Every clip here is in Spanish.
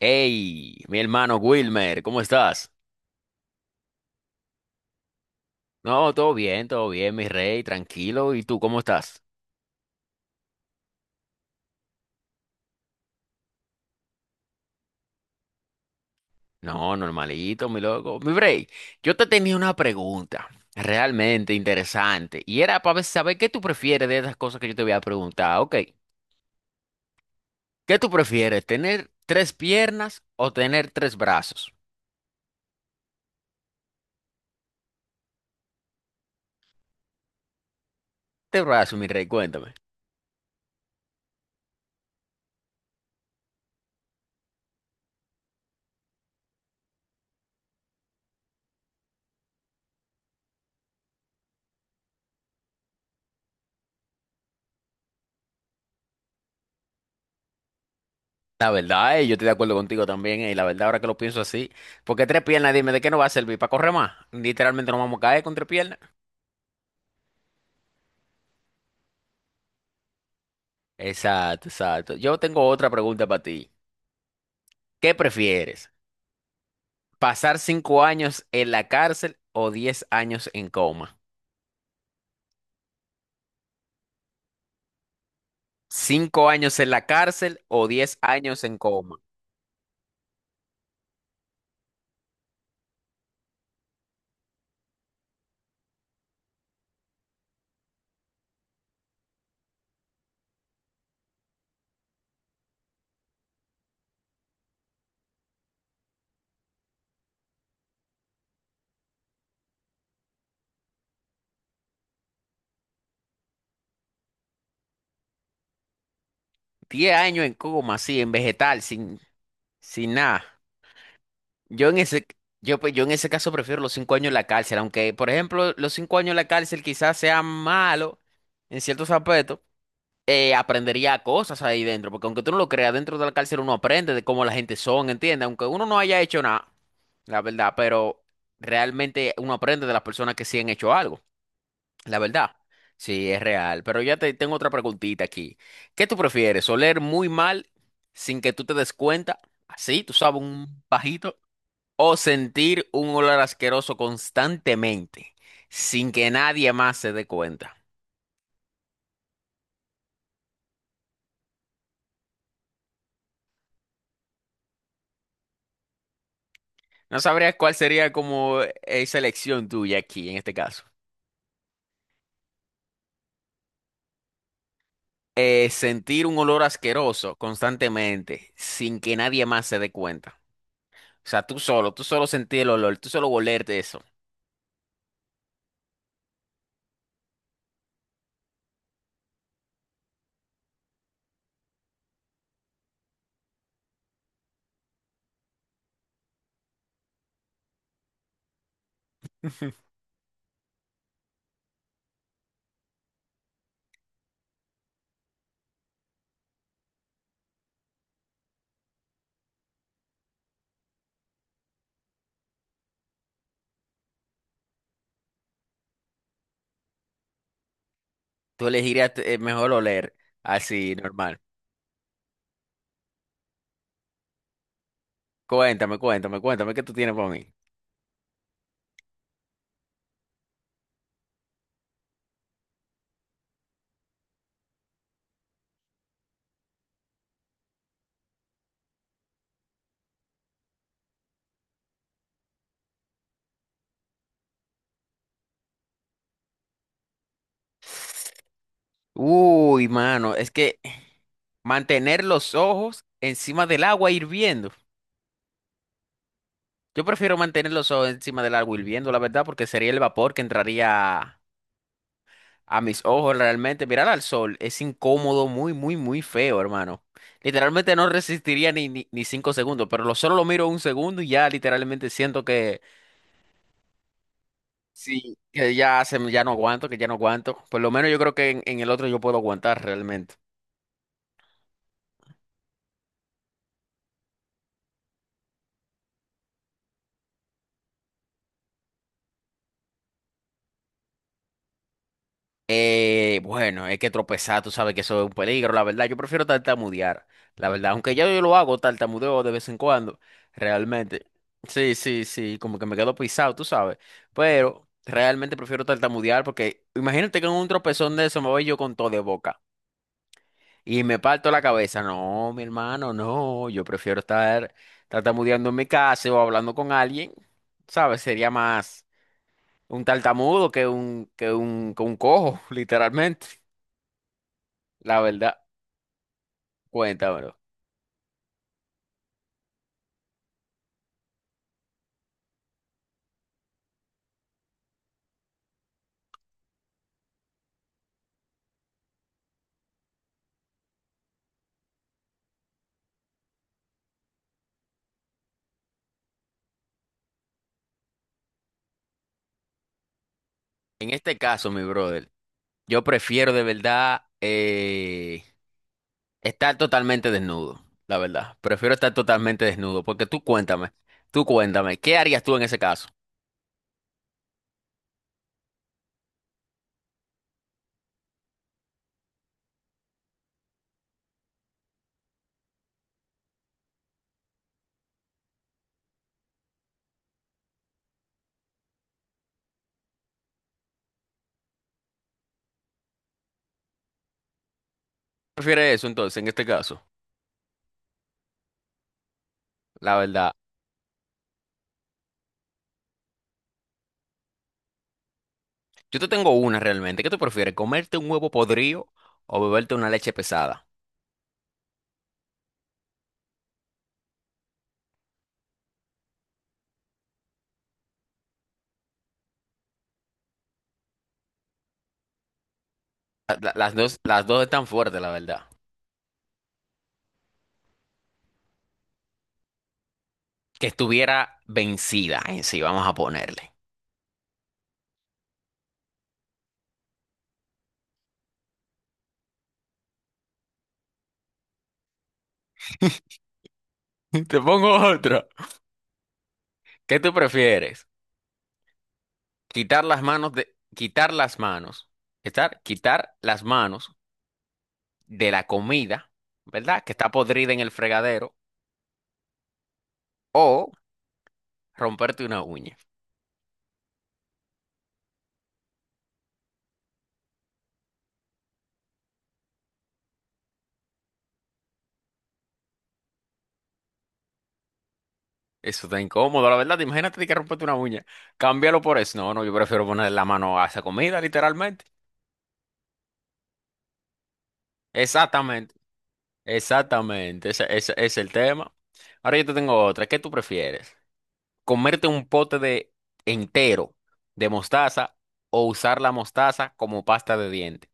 Hey, mi hermano Wilmer, ¿cómo estás? No, todo bien, mi rey, tranquilo. ¿Y tú cómo estás? No, normalito, mi loco. Mi rey, yo te tenía una pregunta realmente interesante y era para saber qué tú prefieres de esas cosas que yo te voy a preguntar. Ok, ¿qué tú prefieres, tener tres piernas o tener tres brazos? Tres brazos, mi rey, cuéntame. La verdad, yo estoy de acuerdo contigo también, la verdad, ahora que lo pienso así, porque tres piernas, dime, ¿de qué nos va a servir? ¿Para correr más? Literalmente nos vamos a caer con tres piernas. Exacto, exacto. Yo tengo otra pregunta para ti. ¿Qué prefieres? ¿Pasar 5 años en la cárcel o 10 años en coma? ¿5 años en la cárcel o diez años en coma? 10 años en coma, sí, en vegetal, sin nada. Yo en ese, yo en ese caso prefiero los 5 años en la cárcel, aunque, por ejemplo, los 5 años en la cárcel quizás sean malos en ciertos aspectos. Aprendería cosas ahí dentro, porque aunque tú no lo creas, dentro de la cárcel uno aprende de cómo la gente son, ¿entiendes? Aunque uno no haya hecho nada, la verdad, pero realmente uno aprende de las personas que sí han hecho algo, la verdad. Sí, es real. Pero ya te tengo otra preguntita aquí. ¿Qué tú prefieres? ¿Oler muy mal sin que tú te des cuenta? Así, tú sabes, un bajito. ¿O sentir un olor asqueroso constantemente sin que nadie más se dé cuenta? No sabrías cuál sería como esa elección tuya aquí en este caso. Sentir un olor asqueroso constantemente sin que nadie más se dé cuenta. O sea, tú solo sentir el olor, tú solo olerte eso. Tú elegirías mejor oler así, normal. Cuéntame, cuéntame, cuéntame, ¿qué tú tienes para mí? Uy, mano, es que mantener los ojos encima del agua hirviendo. Yo prefiero mantener los ojos encima del agua hirviendo, la verdad, porque sería el vapor que entraría a mis ojos. Realmente, mirar al sol es incómodo, muy, muy, muy feo, hermano. Literalmente no resistiría ni 5 segundos, pero lo solo lo miro un segundo y ya literalmente siento que sí, que ya no aguanto, que ya no aguanto. Por lo menos yo creo que en el otro yo puedo aguantar realmente. Bueno, es que tropezar, tú sabes que eso es un peligro, la verdad. Yo prefiero tartamudear, la verdad. Aunque ya yo lo hago, tartamudeo de vez en cuando, realmente. Sí, sí, sí, como que me quedo pisado, tú sabes. Pero realmente prefiero tartamudear porque imagínate que en un tropezón de eso me voy yo con todo de boca y me parto la cabeza. No, mi hermano, no. Yo prefiero estar tartamudeando en mi casa o hablando con alguien, ¿sabes? Sería más un tartamudo que un cojo, literalmente. La verdad, cuéntamelo. En este caso, mi brother, yo prefiero de verdad estar totalmente desnudo, la verdad. Prefiero estar totalmente desnudo, porque tú cuéntame, ¿qué harías tú en ese caso? ¿Prefieres eso entonces, en este caso? La verdad, yo te tengo una realmente. ¿Qué tú prefieres, comerte un huevo podrido o beberte una leche pesada? Las dos están fuertes, la verdad. Que estuviera vencida en sí, vamos a ponerle. Te pongo otra. ¿Qué tú prefieres? Quitar las manos de, quitar las manos, estar, quitar las manos de la comida, ¿verdad? Que está podrida en el fregadero, o romperte una uña. Eso está incómodo, la verdad. Imagínate de que romperte una uña. Cámbialo por eso. No, no, yo prefiero poner la mano a esa comida, literalmente. Exactamente, exactamente. Ese es el tema. Ahora yo te tengo otra. ¿Qué tú prefieres? ¿Comerte un pote de entero de mostaza o usar la mostaza como pasta de diente?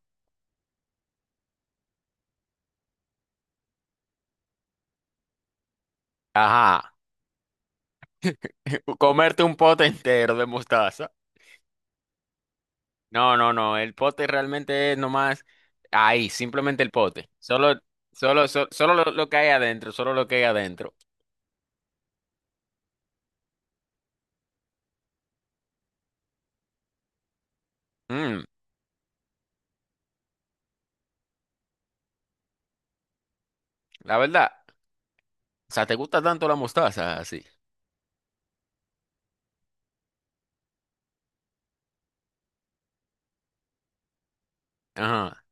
Ajá. Comerte un pote entero de mostaza. No, no, no. El pote realmente es nomás ahí, simplemente el pote. Solo, lo que hay adentro, solo lo que hay adentro. Mm, la verdad. O sea, ¿te gusta tanto la mostaza así? Ajá.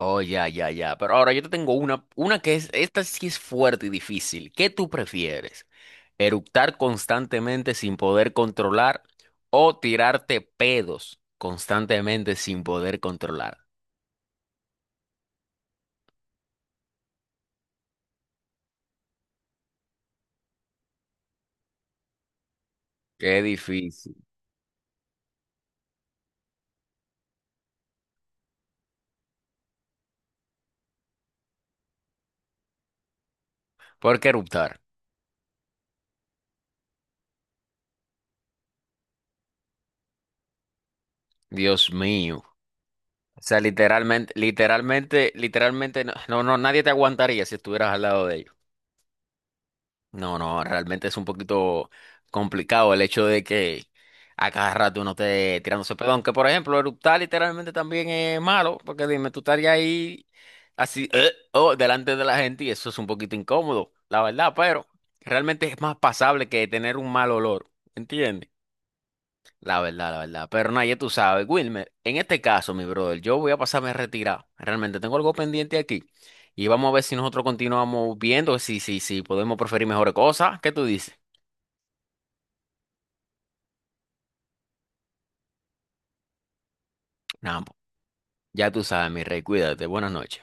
Oh, ya, ya, ya. Pero ahora yo te tengo una que es, esta sí es fuerte y difícil. ¿Qué tú prefieres? ¿Eructar constantemente sin poder controlar o tirarte pedos constantemente sin poder controlar? Qué difícil. ¿Por qué eruptar? Dios mío. O sea, literalmente, literalmente, literalmente, no, no, no, nadie te aguantaría si estuvieras al lado de ellos. No, no, realmente es un poquito complicado el hecho de que a cada rato uno esté tirándose pedo. Aunque, por ejemplo, eruptar literalmente también es malo, porque dime, tú estarías ahí así, oh, delante de la gente y eso es un poquito incómodo, la verdad, pero realmente es más pasable que tener un mal olor, ¿entiendes? La verdad, la verdad. Pero nadie tú sabes, Wilmer, en este caso, mi brother, yo voy a pasarme retirado. Realmente tengo algo pendiente aquí. Y vamos a ver si nosotros continuamos viendo, si podemos preferir mejores cosas. ¿Qué tú dices? Nada, ya tú sabes, mi rey, cuídate. Buenas noches.